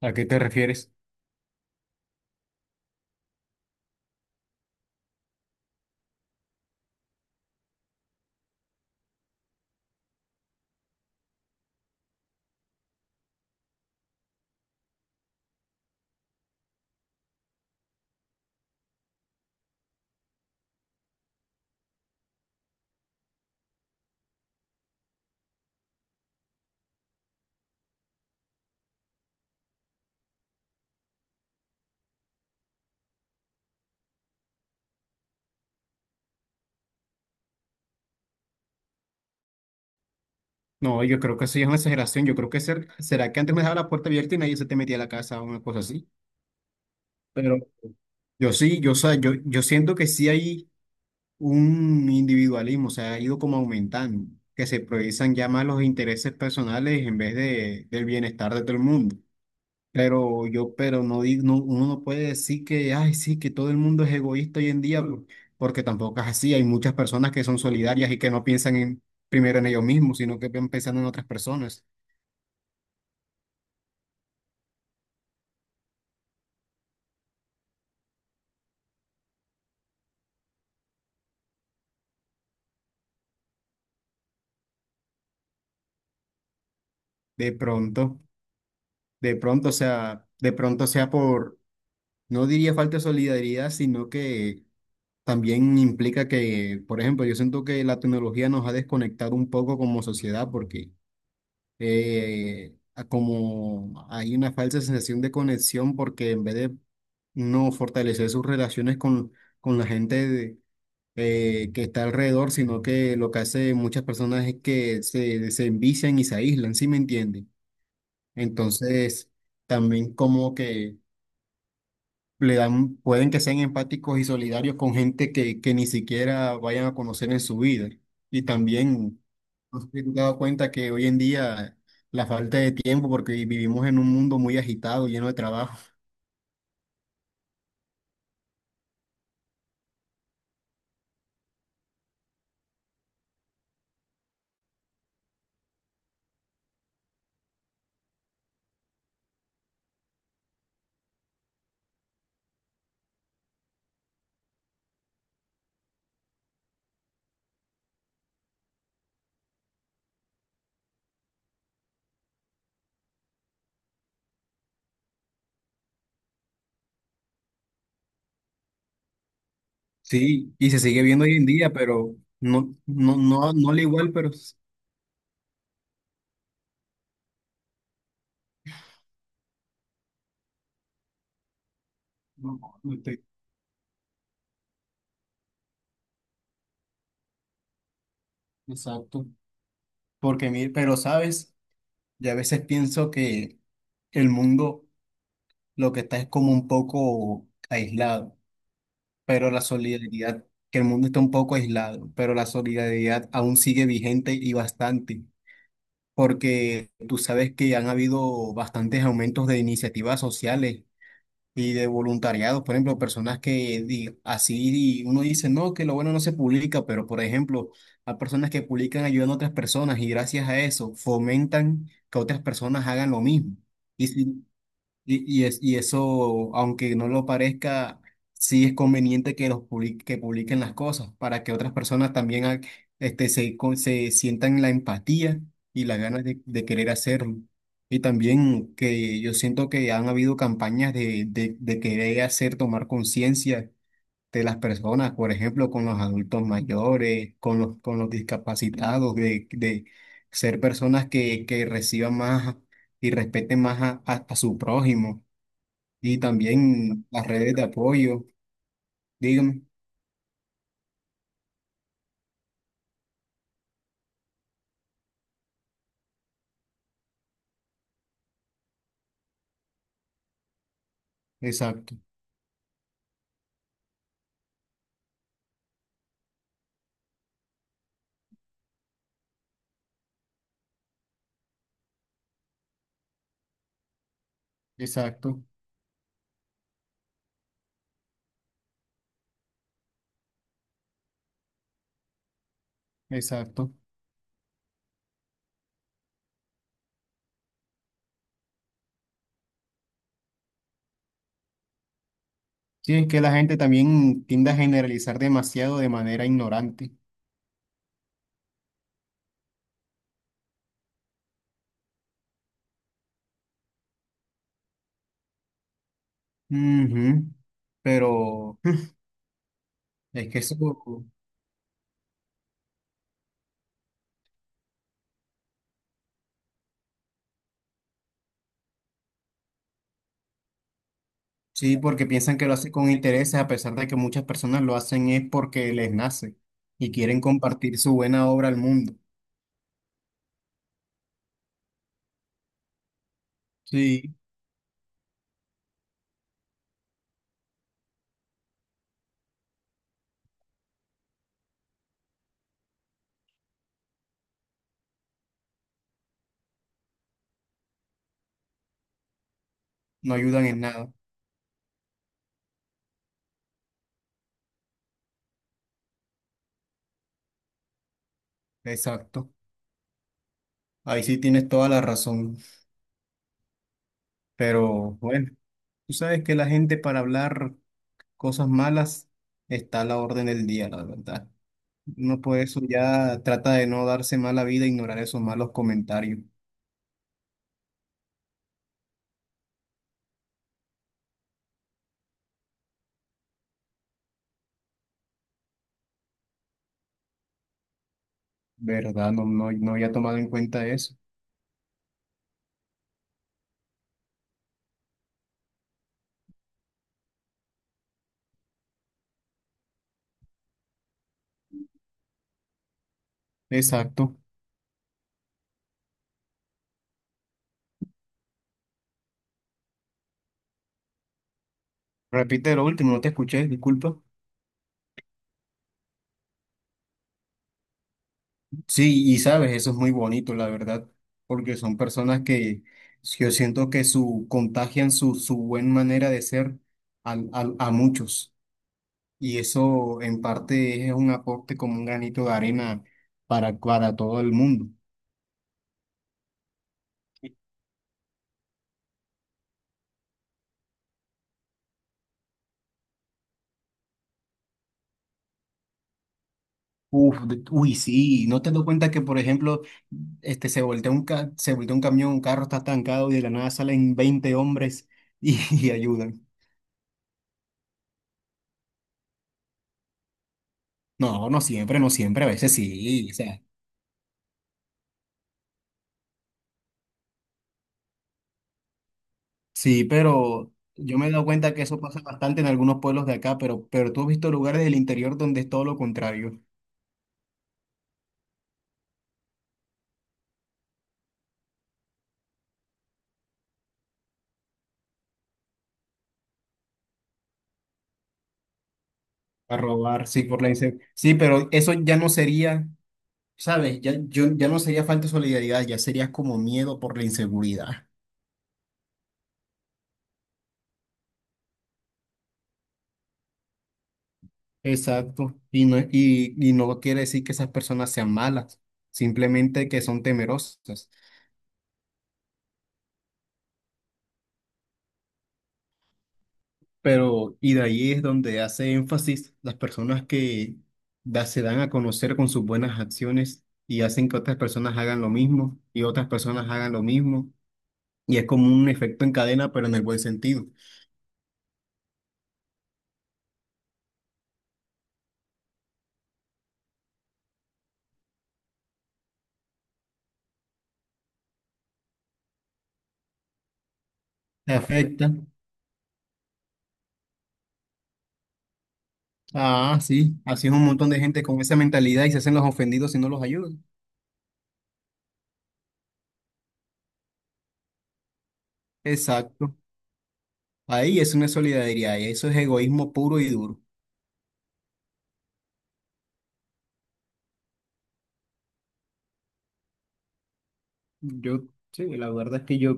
¿A qué te refieres? No, yo creo que eso ya es una exageración. Yo creo que será que antes me dejaba la puerta abierta y nadie se te metía a la casa o una cosa así. Pero yo sí, yo, o sea, yo siento que sí hay un individualismo, o sea, ha ido como aumentando, que se priorizan ya más los intereses personales del bienestar de todo el mundo. Pero no, digo, no, uno no puede decir que, ay, sí, que todo el mundo es egoísta hoy en día, porque tampoco es así. Hay muchas personas que son solidarias y que no piensan primero en ellos mismos, sino que piensan en otras personas. De pronto, de pronto sea no diría falta de solidaridad, sino que también implica que, por ejemplo, yo siento que la tecnología nos ha desconectado un poco como sociedad porque como hay una falsa sensación de conexión porque en vez de no fortalecer sus relaciones con la gente que está alrededor, sino que lo que hace muchas personas es que se envician y se aíslan, ¿sí me entienden? Entonces, también como que le dan, pueden que sean empáticos y solidarios con gente que ni siquiera vayan a conocer en su vida. Y también nos hemos dado cuenta que hoy en día la falta de tiempo, porque vivimos en un mundo muy agitado, lleno de trabajo. Sí, y se sigue viendo hoy en día, pero no le igual, pero s- no, no estoy- exacto. Pero sabes, ya a veces pienso que el mundo lo que está es como un poco aislado, pero la solidaridad, que el mundo está un poco aislado, pero la solidaridad aún sigue vigente y bastante, porque tú sabes que han habido bastantes aumentos de iniciativas sociales y de voluntariados, por ejemplo, personas que di- así y uno dice, no, que lo bueno no se publica, pero por ejemplo, hay personas que publican ayudando a otras personas y gracias a eso fomentan que otras personas hagan lo mismo. Y si y, y, es, y eso, aunque no lo parezca, sí es conveniente que publiquen las cosas para que otras personas también ha- este, se, con- se sientan la empatía y las ganas de querer hacerlo. Y también que yo siento que han habido campañas de querer hacer tomar conciencia de las personas, por ejemplo, con los adultos mayores, con los discapacitados, de ser personas que reciban más y respeten más a, a su prójimo. Y también las redes de apoyo, dígame. Exacto, exacto, exacto. Sí, es que la gente también tiende a generalizar demasiado de manera ignorante. Ujú, pero es que eso, sí, porque piensan que lo hacen con intereses, a pesar de que muchas personas lo hacen es porque les nace y quieren compartir su buena obra al mundo. Sí, no ayudan en nada. Exacto. Ahí sí tienes toda la razón. Pero bueno, tú sabes que la gente para hablar cosas malas está a la orden del día, la verdad. Uno por eso ya trata de no darse mala vida, ignorar esos malos comentarios, ¿verdad? No, no había tomado en cuenta eso. Exacto. Repite lo último, no te escuché, disculpa. Sí, y sabes, eso es muy bonito, la verdad, porque son personas que yo siento que su contagian su buena manera de ser a muchos. Y eso en parte es un aporte como un granito de arena para todo el mundo. Sí, ¿no te das cuenta que, por ejemplo, se voltea un camión, un carro está estancado y de la nada salen 20 hombres y, y ayudan? No, no siempre, no siempre, a veces sí, o sea, sí, pero yo me he dado cuenta que eso pasa bastante en algunos pueblos de acá, pero tú has visto lugares del interior donde es todo lo contrario, a robar, sí, sí, pero eso ya no sería, ¿sabes? Ya no sería falta de solidaridad, ya sería como miedo por la inseguridad. Exacto. Y no quiere decir que esas personas sean malas, simplemente que son temerosas. Pero, y de ahí es donde hace énfasis las personas que se dan a conocer con sus buenas acciones y hacen que otras personas hagan lo mismo y otras personas hagan lo mismo. Y es como un efecto en cadena, pero en el buen sentido. Te afecta. Ah, sí. Así es un montón de gente con esa mentalidad y se hacen los ofendidos si no los ayudan. Exacto. Ahí es una solidaridad y eso es egoísmo puro y duro. Yo, sí, la verdad es que yo,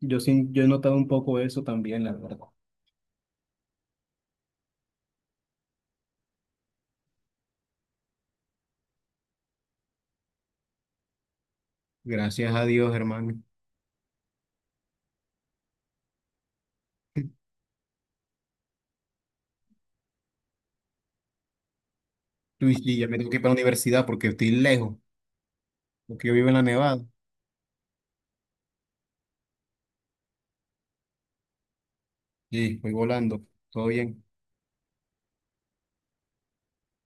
yo sí, yo he notado un poco eso también, la verdad. Gracias a Dios, hermano. Tú y Sí, ya me tengo que ir para la universidad porque estoy lejos, porque yo vivo en la Nevada. Sí, voy volando. Todo bien.